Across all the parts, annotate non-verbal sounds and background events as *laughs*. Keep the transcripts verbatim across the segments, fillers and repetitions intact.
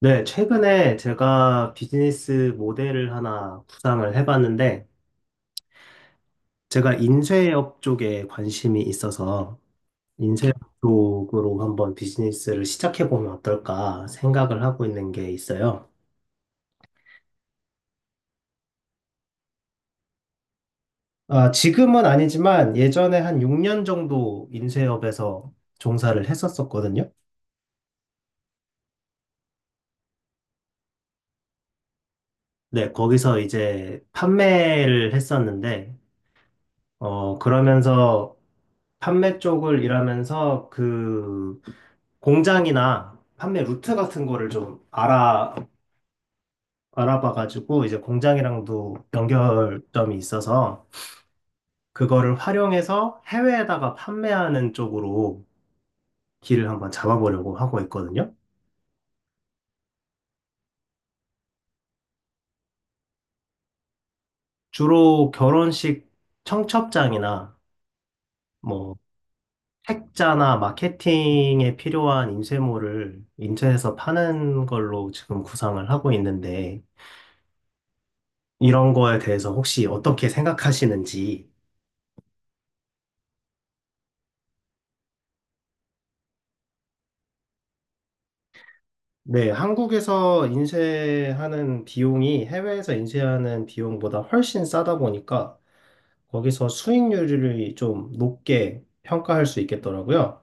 네, 최근에 제가 비즈니스 모델을 하나 구상을 해봤는데, 제가 인쇄업 쪽에 관심이 있어서, 인쇄업 쪽으로 한번 비즈니스를 시작해보면 어떨까 생각을 하고 있는 게 있어요. 아, 지금은 아니지만, 예전에 한 육 년 정도 인쇄업에서 종사를 했었었거든요. 네, 거기서 이제 판매를 했었는데, 어, 그러면서 판매 쪽을 일하면서 그, 공장이나 판매 루트 같은 거를 좀 알아, 알아봐가지고 이제 공장이랑도 연결점이 있어서 그거를 활용해서 해외에다가 판매하는 쪽으로 길을 한번 잡아보려고 하고 있거든요. 주로 결혼식 청첩장이나 뭐 책자나 마케팅에 필요한 인쇄물을 인쇄해서 파는 걸로 지금 구상을 하고 있는데 이런 거에 대해서 혹시 어떻게 생각하시는지. 네, 한국에서 인쇄하는 비용이 해외에서 인쇄하는 비용보다 훨씬 싸다 보니까 거기서 수익률이 좀 높게 평가할 수 있겠더라고요.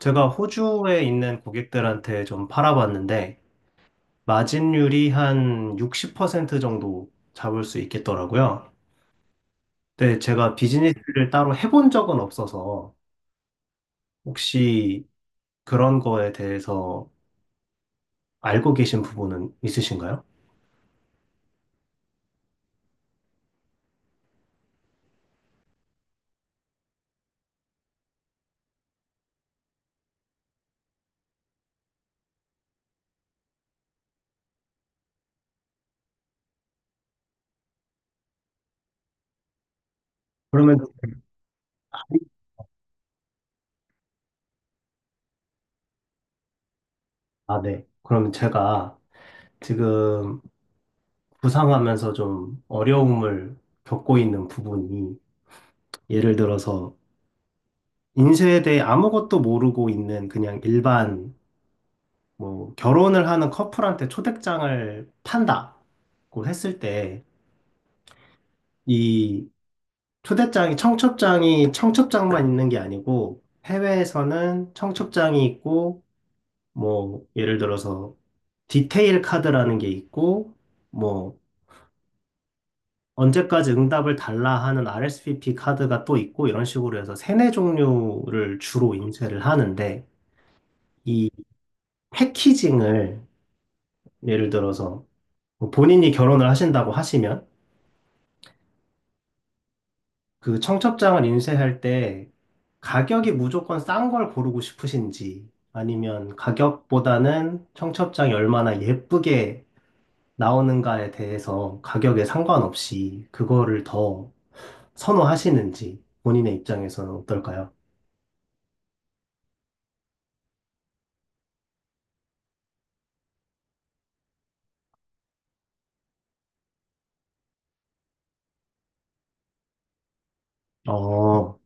제가 호주에 있는 고객들한테 좀 팔아봤는데 마진율이 한 육십 퍼센트 정도 잡을 수 있겠더라고요. 근데 제가 비즈니스를 따로 해본 적은 없어서 혹시 그런 거에 대해서 알고 계신 부분은 있으신가요? 그러면. 아, 네. 그러면 제가 지금 구상하면서 좀 어려움을 겪고 있는 부분이, 예를 들어서 인쇄에 대해 아무것도 모르고 있는 그냥 일반 뭐 결혼을 하는 커플한테 초대장을 판다고 했을 때, 이 초대장이 청첩장이 청첩장만 있는 게 아니고 해외에서는 청첩장이 있고 뭐 예를 들어서 디테일 카드라는 게 있고 뭐 언제까지 응답을 달라 하는 아르 에스 브이 피 카드가 또 있고 이런 식으로 해서 세네 종류를 주로 인쇄를 하는데, 이 패키징을 예를 들어서 뭐 본인이 결혼을 하신다고 하시면 그 청첩장을 인쇄할 때 가격이 무조건 싼 걸 고르고 싶으신지 아니면 가격보다는 청첩장이 얼마나 예쁘게 나오는가에 대해서 가격에 상관없이 그거를 더 선호하시는지 본인의 입장에서는 어떨까요? 어,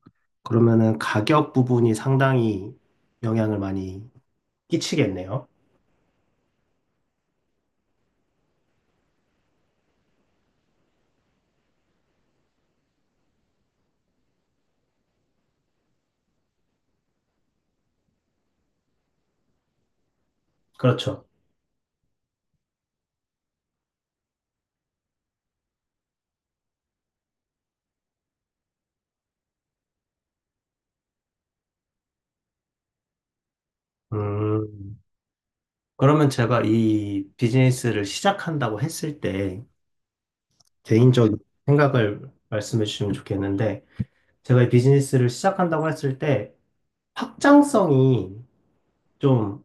그러면은 가격 부분이 상당히 영향을 많이 끼치겠네요. 그렇죠. 음, 그러면 제가 이 비즈니스를 시작한다고 했을 때 개인적인 생각을 말씀해 주시면 좋겠는데, 제가 이 비즈니스를 시작한다고 했을 때 확장성이 좀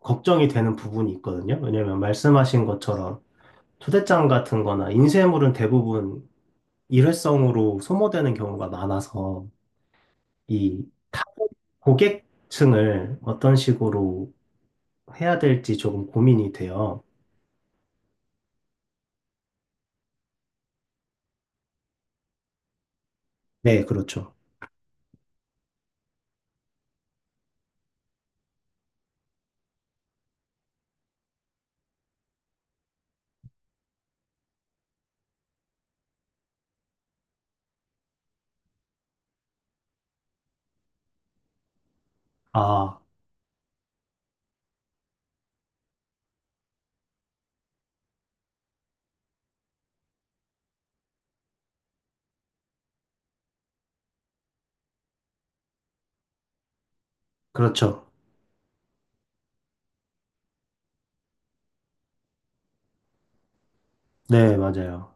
걱정이 되는 부분이 있거든요. 왜냐면 말씀하신 것처럼 초대장 같은 거나 인쇄물은 대부분 일회성으로 소모되는 경우가 많아서 이 고객층을 어떤 식으로 해야 될지 조금 고민이 돼요. 네, 그렇죠. 아, 그렇죠. 네, 맞아요.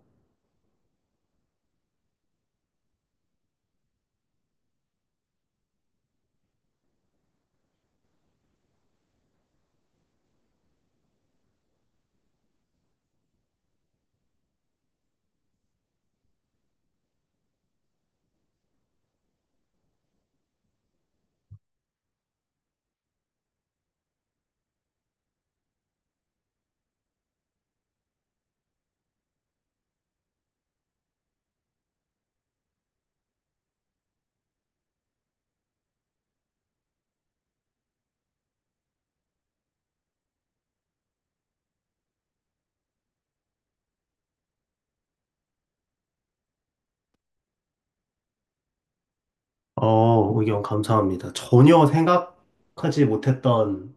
어, 의견 감사합니다. 전혀 생각하지 못했던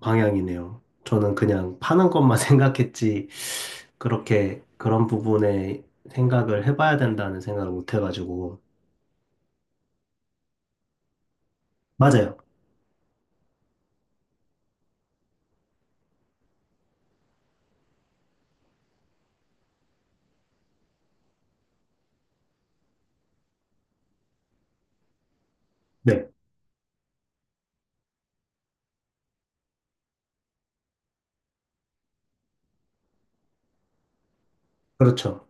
방향이네요. 저는 그냥 파는 것만 *laughs* 생각했지, 그렇게 그런 부분에 생각을 해봐야 된다는 생각을 못 해가지고. 맞아요. 네, 그렇죠.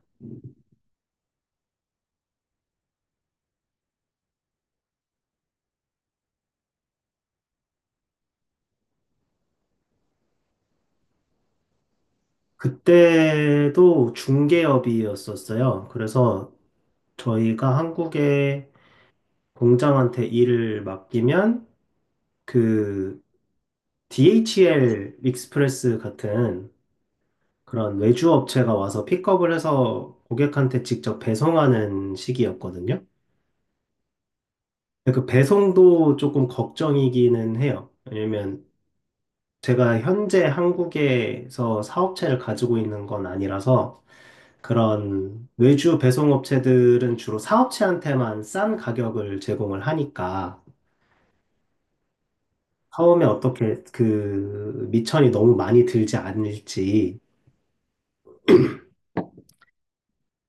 그때도 중개업이었었어요. 그래서 저희가 한국에 공장한테 일을 맡기면 그 디에이치엘 익스프레스 같은 그런 외주 업체가 와서 픽업을 해서 고객한테 직접 배송하는 시기였거든요. 근데 그 배송도 조금 걱정이기는 해요. 왜냐면 제가 현재 한국에서 사업체를 가지고 있는 건 아니라서 그런 외주 배송업체들은 주로 사업체한테만 싼 가격을 제공을 하니까 처음에 어떻게 그 미천이 너무 많이 들지 않을지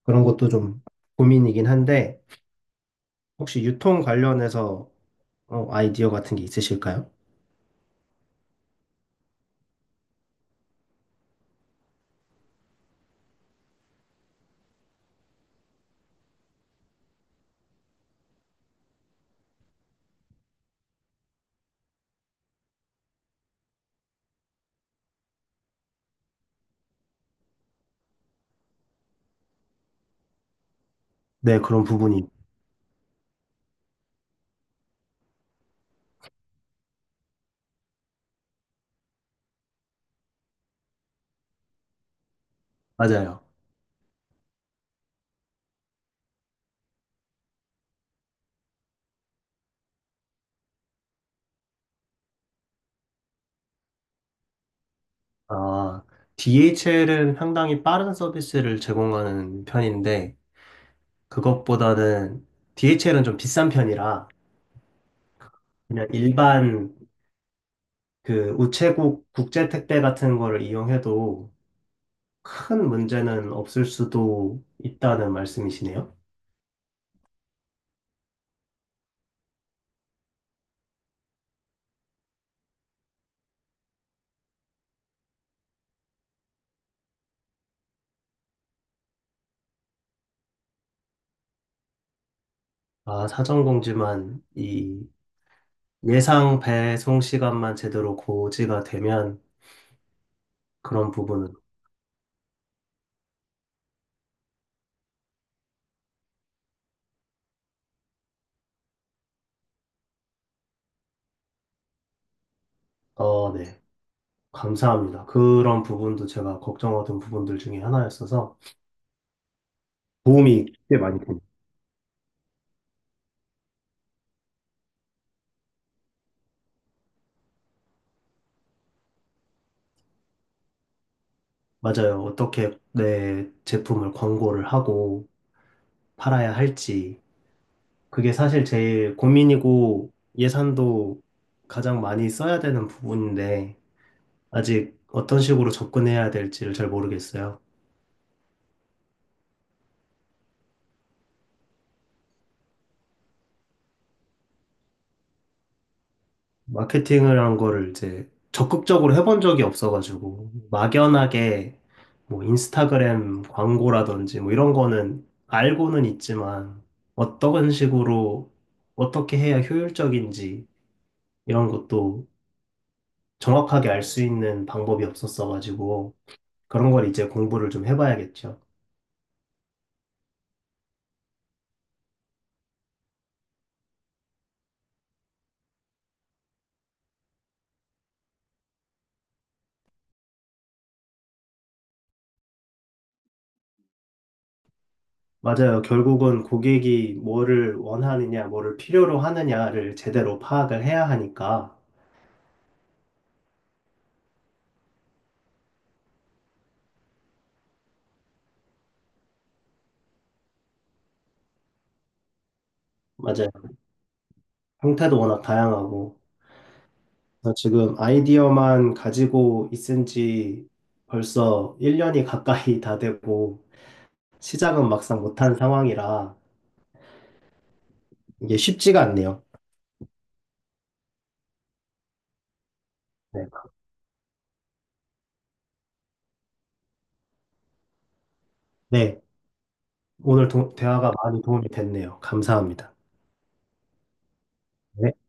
그런 것도 좀 고민이긴 한데 혹시 유통 관련해서 어, 아이디어 같은 게 있으실까요? 네, 그런 부분이 맞아요. 아, 디에이치엘은 상당히 빠른 서비스를 제공하는 편인데 그것보다는 디에이치엘은 좀 비싼 편이라 그냥 일반 그 우체국 국제 택배 같은 거를 이용해도 큰 문제는 없을 수도 있다는 말씀이시네요. 아, 사전 공지만, 이 예상 배송 시간만 제대로 고지가 되면 그런 부분은. 어, 네. 감사합니다. 그런 부분도 제가 걱정하던 부분들 중에 하나였어서 도움이 꽤 많이 됩니다. 맞아요. 어떻게 내 제품을 광고를 하고 팔아야 할지. 그게 사실 제일 고민이고 예산도 가장 많이 써야 되는 부분인데 아직 어떤 식으로 접근해야 될지를 잘 모르겠어요. 마케팅을 한 거를 이제 적극적으로 해본 적이 없어가지고, 막연하게 뭐 인스타그램 광고라든지 뭐 이런 거는 알고는 있지만, 어떤 식으로 어떻게 해야 효율적인지 이런 것도 정확하게 알 수 있는 방법이 없었어가지고, 그런 걸 이제 공부를 좀 해봐야겠죠. 맞아요. 결국은 고객이 뭐를 원하느냐, 뭐를 필요로 하느냐를 제대로 파악을 해야 하니까. 맞아요. 형태도 워낙 다양하고, 그래서 지금 아이디어만 가지고 있은 지 벌써 일 년이 가까이 다 되고 시작은 막상 못한 상황이라 이게 쉽지가 않네요. 네. 네. 오늘 도- 대화가 많이 도움이 됐네요. 감사합니다. 네.